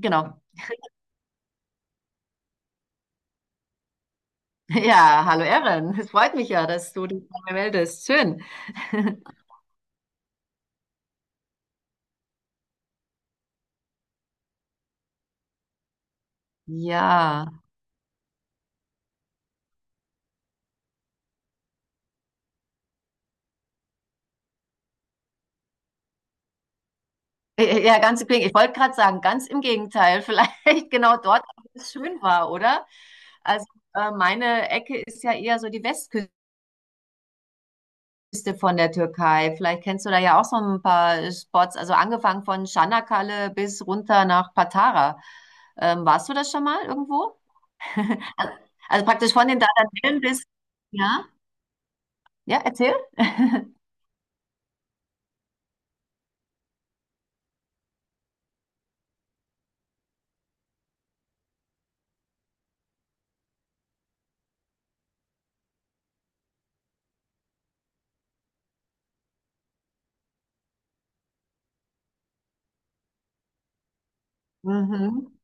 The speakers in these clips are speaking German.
Genau. Ja, hallo Erin. Es freut mich ja, dass du dich bei mir meldest. Schön. Ja. Ja, Ganz im Gegenteil. Ich wollte gerade sagen, ganz im Gegenteil. Vielleicht genau dort, wo es schön war, oder? Also meine Ecke ist ja eher so die Westküste von der Türkei. Vielleicht kennst du da ja auch so ein paar Spots. Also angefangen von Çanakkale bis runter nach Patara. Warst du das schon mal irgendwo? Also praktisch von den Dardanellen bis... Ja? Ja, erzähl. Mhm.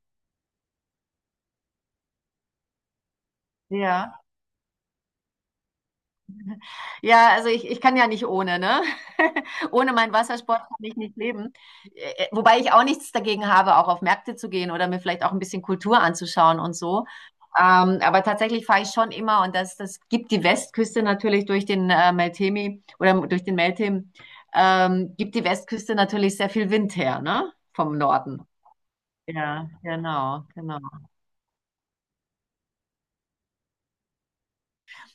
Ja, ja, also ich kann ja nicht ohne, ne? Ohne meinen Wassersport kann ich nicht leben. Wobei ich auch nichts dagegen habe, auch auf Märkte zu gehen oder mir vielleicht auch ein bisschen Kultur anzuschauen und so. Aber tatsächlich fahre ich schon immer und das gibt die Westküste natürlich durch den Meltemi oder durch den Meltem, gibt die Westküste natürlich sehr viel Wind her, ne? Vom Norden. Ja, genau, genau.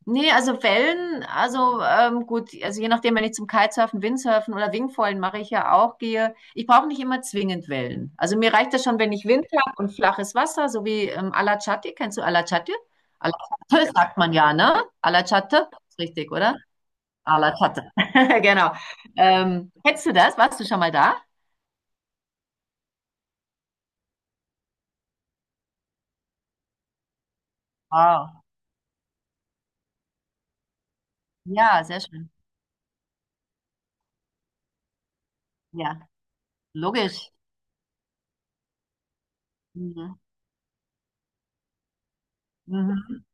Nee, also Wellen, also gut, also je nachdem, wenn ich zum Kitesurfen, Windsurfen oder Wingfoilen mache ich ja auch, gehe. Ich brauche nicht immer zwingend Wellen. Also mir reicht das schon, wenn ich Wind habe und flaches Wasser, so wie Alachati. Kennst du Alachati? Alachate sagt man ja, ne? Alachate, ist richtig, oder? Alachate, genau. Kennst du das? Warst du schon mal da? Wow. Ja, sehr schön. Ja, logisch. Mhm. Mhm.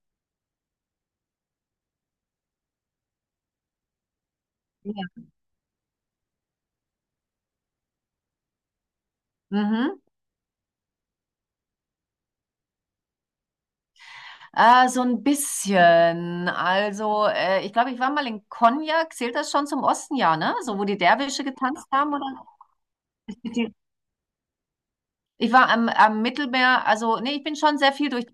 Ja. Mhm. So ein bisschen. Also, ich glaube, ich war mal in Konya. Zählt das schon zum Osten, ja, ne? So, wo die Derwische getanzt haben, oder? Mit die- Ich war am, am Mittelmeer. Also, nee, ich bin schon sehr viel durch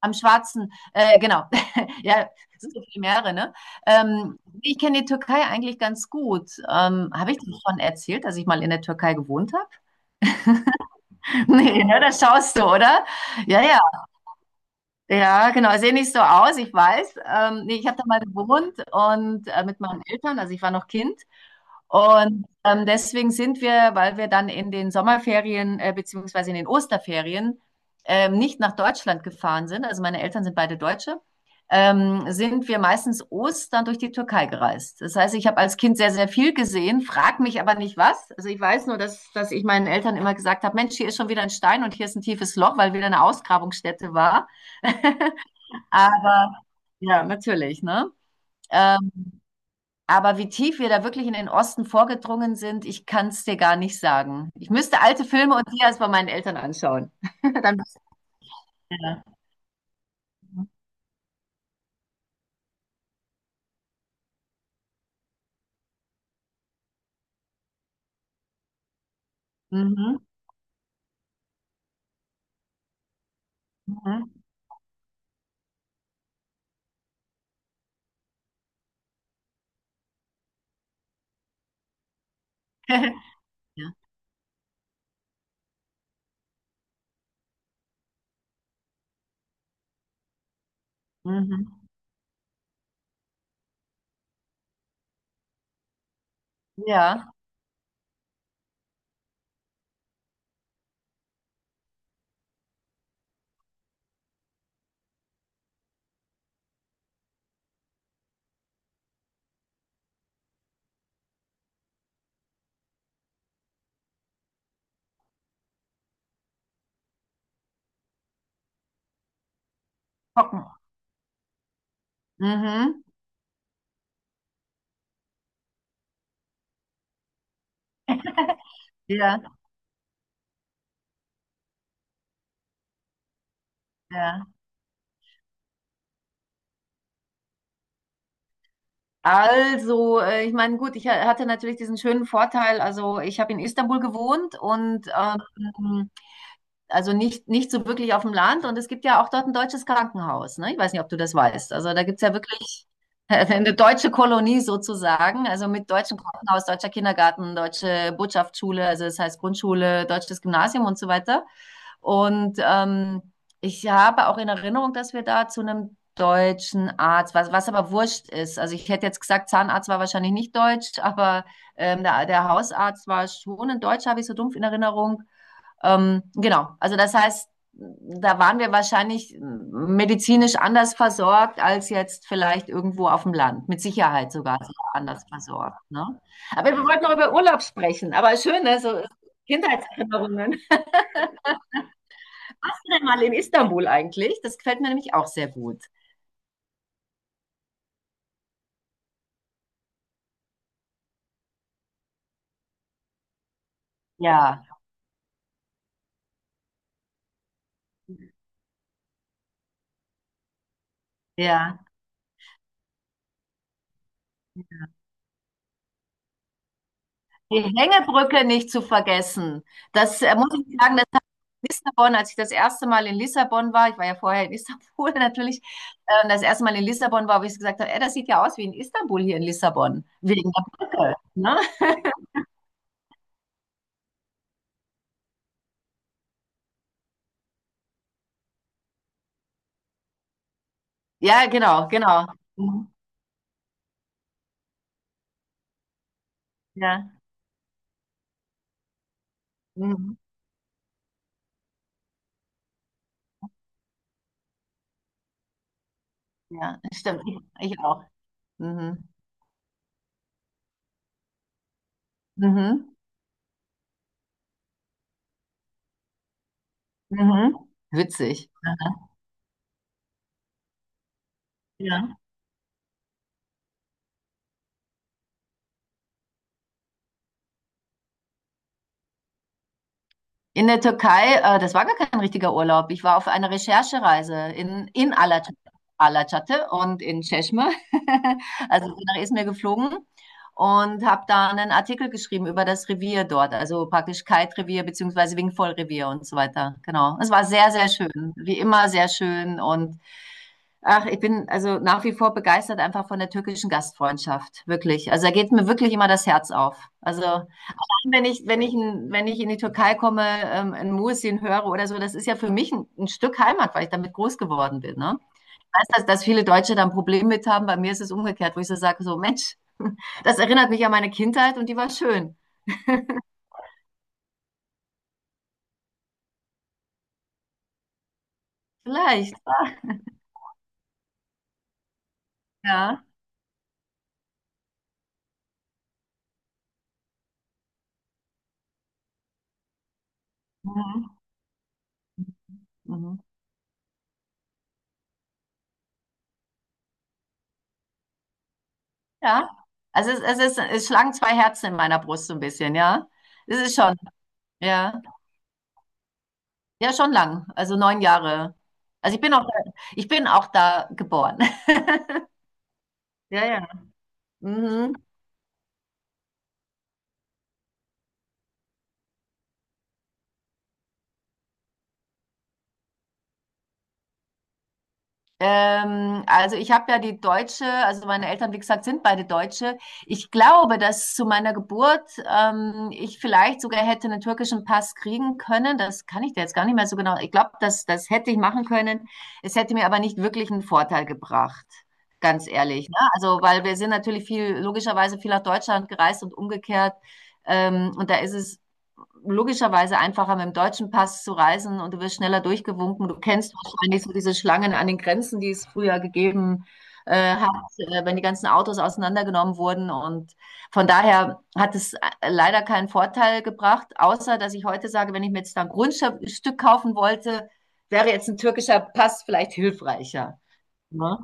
am Schwarzen. Genau. Ja, es sind so viele Meere, ne? Ich kenne die Türkei eigentlich ganz gut. Habe ich dir schon erzählt, dass ich mal in der Türkei gewohnt habe? Nee, ne? Das schaust du, oder? Ja, ja. Ja, genau. Sehe nicht so aus, ich weiß. Nee, ich habe da mal gewohnt und mit meinen Eltern, also ich war noch Kind. Und deswegen sind wir, weil wir dann in den Sommerferien beziehungsweise in den Osterferien nicht nach Deutschland gefahren sind, also meine Eltern sind beide Deutsche, sind wir meistens Ostern durch die Türkei gereist. Das heißt, ich habe als Kind sehr, sehr viel gesehen, frag mich aber nicht was. Also ich weiß nur, dass ich meinen Eltern immer gesagt habe, Mensch, hier ist schon wieder ein Stein und hier ist ein tiefes Loch, weil wieder eine Ausgrabungsstätte war. Aber ja, natürlich, ne? Ähm, aber wie tief wir da wirklich in den Osten vorgedrungen sind, ich kann es dir gar nicht sagen. Ich müsste alte Filme und Dias bei meinen Eltern anschauen. Dann ja. Mhm. Mhm. Ja. Mhm. Ja. Hocken. Mhm. Ja, ja. Also, ich meine, gut, hatte natürlich diesen schönen Vorteil, also ich habe in Istanbul gewohnt und also nicht, nicht so wirklich auf dem Land. Und es gibt ja auch dort ein deutsches Krankenhaus. Ne? Ich weiß nicht, ob du das weißt. Also da gibt es ja wirklich eine deutsche Kolonie sozusagen. Also mit deutschem Krankenhaus, deutscher Kindergarten, deutsche Botschaftsschule, also das heißt Grundschule, deutsches Gymnasium und so weiter. Und ich habe auch in Erinnerung, dass wir da zu einem deutschen Arzt, was aber wurscht ist. Also ich hätte jetzt gesagt, Zahnarzt war wahrscheinlich nicht deutsch, aber der Hausarzt war schon ein Deutscher, habe ich so dumpf in Erinnerung. Genau, also das heißt, da waren wir wahrscheinlich medizinisch anders versorgt als jetzt vielleicht irgendwo auf dem Land. Mit Sicherheit sogar anders versorgt. Ne? Aber wir wollten noch über Urlaub sprechen. Aber schön, ne? So Kindheitserinnerungen. Mal in Istanbul eigentlich. Das gefällt mir nämlich auch sehr gut. Ja, ja. Die Hängebrücke nicht zu vergessen. Das muss ich sagen, Lissabon, als ich das erste Mal in Lissabon war, ich war ja vorher in Istanbul natürlich, das erste Mal in Lissabon war, wo ich gesagt habe, ey, das sieht ja aus wie in Istanbul hier in Lissabon, wegen der Brücke. Ne? Ja, genau, genau. Mhm. Ja, mhm. Ja, stimmt. Ich auch. Mhm. Mhm. Mhm. Witzig. Ja. In der Türkei, das war gar kein richtiger Urlaub. Ich war auf einer Recherchereise in Alacate, Alacate und in Çeşme. Also bin nach Izmir geflogen und habe da einen Artikel geschrieben über das Revier dort, also praktisch Kite-Revier beziehungsweise Wingfoil-Revier und so weiter. Genau. Es war sehr, sehr schön. Wie immer sehr schön und ach, ich bin also nach wie vor begeistert einfach von der türkischen Gastfreundschaft, wirklich. Also da geht mir wirklich immer das Herz auf. Also wenn ich, wenn ich, wenn ich in die Türkei komme, ein Muezzin höre oder so, das ist ja für mich ein Stück Heimat, weil ich damit groß geworden bin. Ne? Ich weiß, dass viele Deutsche da ein Problem mit haben. Bei mir ist es umgekehrt, wo ich so sage, so Mensch, das erinnert mich an meine Kindheit und die war schön. Vielleicht, ja. Mhm. Mhm. Ja. Also es ist, es schlagen zwei Herzen in meiner Brust so ein bisschen, ja. Es ist schon, ja. Ja, schon lang. Also 9 Jahre. Also ich bin auch da geboren. Ja, ja. Mhm. Also ich habe ja die Deutsche, also meine Eltern, wie gesagt, sind beide Deutsche. Ich glaube, dass zu meiner Geburt ich vielleicht sogar hätte einen türkischen Pass kriegen können. Das kann ich dir jetzt gar nicht mehr so genau. Ich glaube, das hätte ich machen können. Es hätte mir aber nicht wirklich einen Vorteil gebracht, ganz ehrlich. Ne? Also, weil wir sind natürlich viel, logischerweise viel nach Deutschland gereist und umgekehrt. Und da ist es logischerweise einfacher, mit dem deutschen Pass zu reisen und du wirst schneller durchgewunken. Du kennst wahrscheinlich so diese Schlangen an den Grenzen, die es früher gegeben hat, wenn die ganzen Autos auseinandergenommen wurden. Und von daher hat es leider keinen Vorteil gebracht, außer dass ich heute sage, wenn ich mir jetzt ein Grundstück kaufen wollte, wäre jetzt ein türkischer Pass vielleicht hilfreicher. Ne?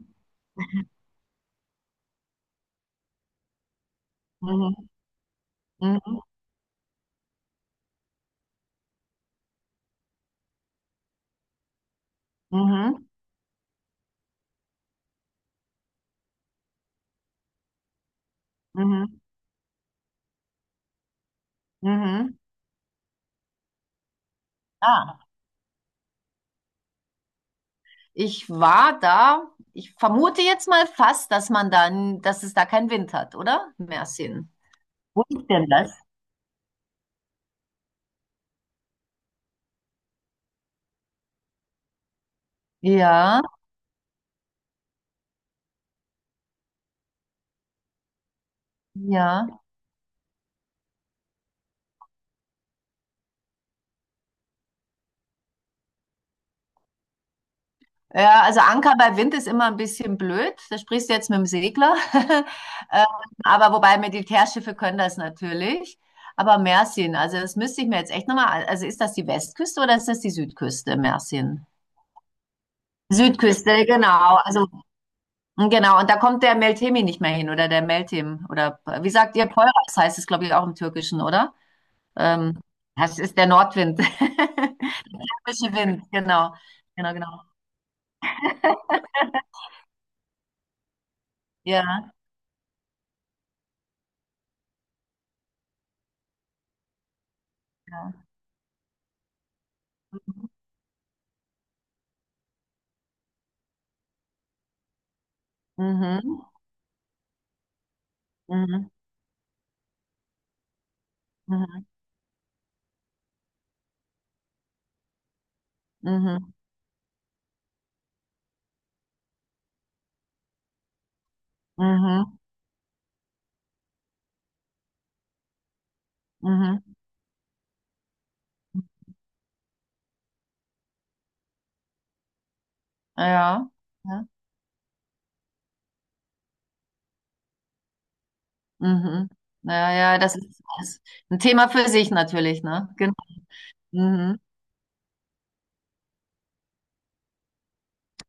Mhm. Mhm. Mhm. Mhm. Mhm. Mhm. Ah. Ich war da. Ich vermute jetzt mal fast, dass man dann, dass es da keinen Wind hat, oder? Mersin. Wo ist denn das? Ja, ja. Ja, also Anker bei Wind ist immer ein bisschen blöd. Da sprichst du jetzt mit dem Segler. Ähm, aber wobei Militärschiffe können das natürlich. Aber Mersin, also das müsste ich mir jetzt echt nochmal, also ist das die Westküste oder ist das die Südküste, Mersin? Südküste, genau. Also genau, und da kommt der Meltemi nicht mehr hin oder der Meltem oder wie sagt ihr, Poyraz heißt es, glaube ich, auch im Türkischen, oder? Ähm, Das ist der Nordwind. Frische Wind, genau. Genau, genau. Ja, ja. Mhm. Mhm. Mhm. Mhm. Mhm. Mhm. Ja. Ja. Mhm. Ja, ja, das ist ein Thema für sich natürlich, ne? Genau. Mhm.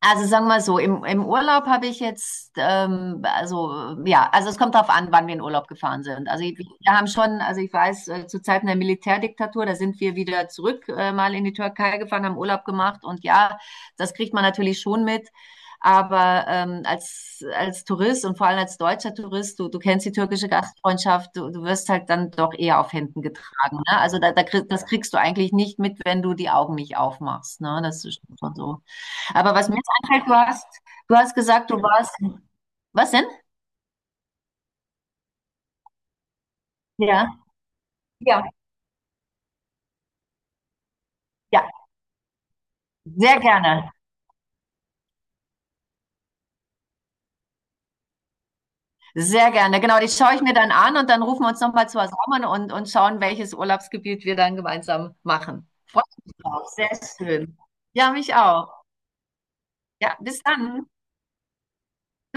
Also sagen wir so, im, im Urlaub habe ich jetzt, also ja, also es kommt darauf an, wann wir in Urlaub gefahren sind. Wir haben schon, also ich weiß, zu Zeiten der Militärdiktatur, da sind wir wieder zurück, mal in die Türkei gefahren, haben Urlaub gemacht und ja, das kriegt man natürlich schon mit. Aber als Tourist und vor allem als deutscher Tourist, du kennst die türkische Gastfreundschaft, du wirst halt dann doch eher auf Händen getragen. Ne? Also das kriegst du eigentlich nicht mit, wenn du die Augen nicht aufmachst. Ne? Das ist schon so. Aber was mir jetzt einfällt, du hast gesagt, du warst. Was denn? Ja. Ja, ja, sehr gerne. Sehr gerne. Genau, die schaue ich mir dann an und dann rufen wir uns nochmal zusammen und schauen, welches Urlaubsgebiet wir dann gemeinsam machen. Freut mich drauf. Sehr schön. Ja, mich auch. Ja, bis dann.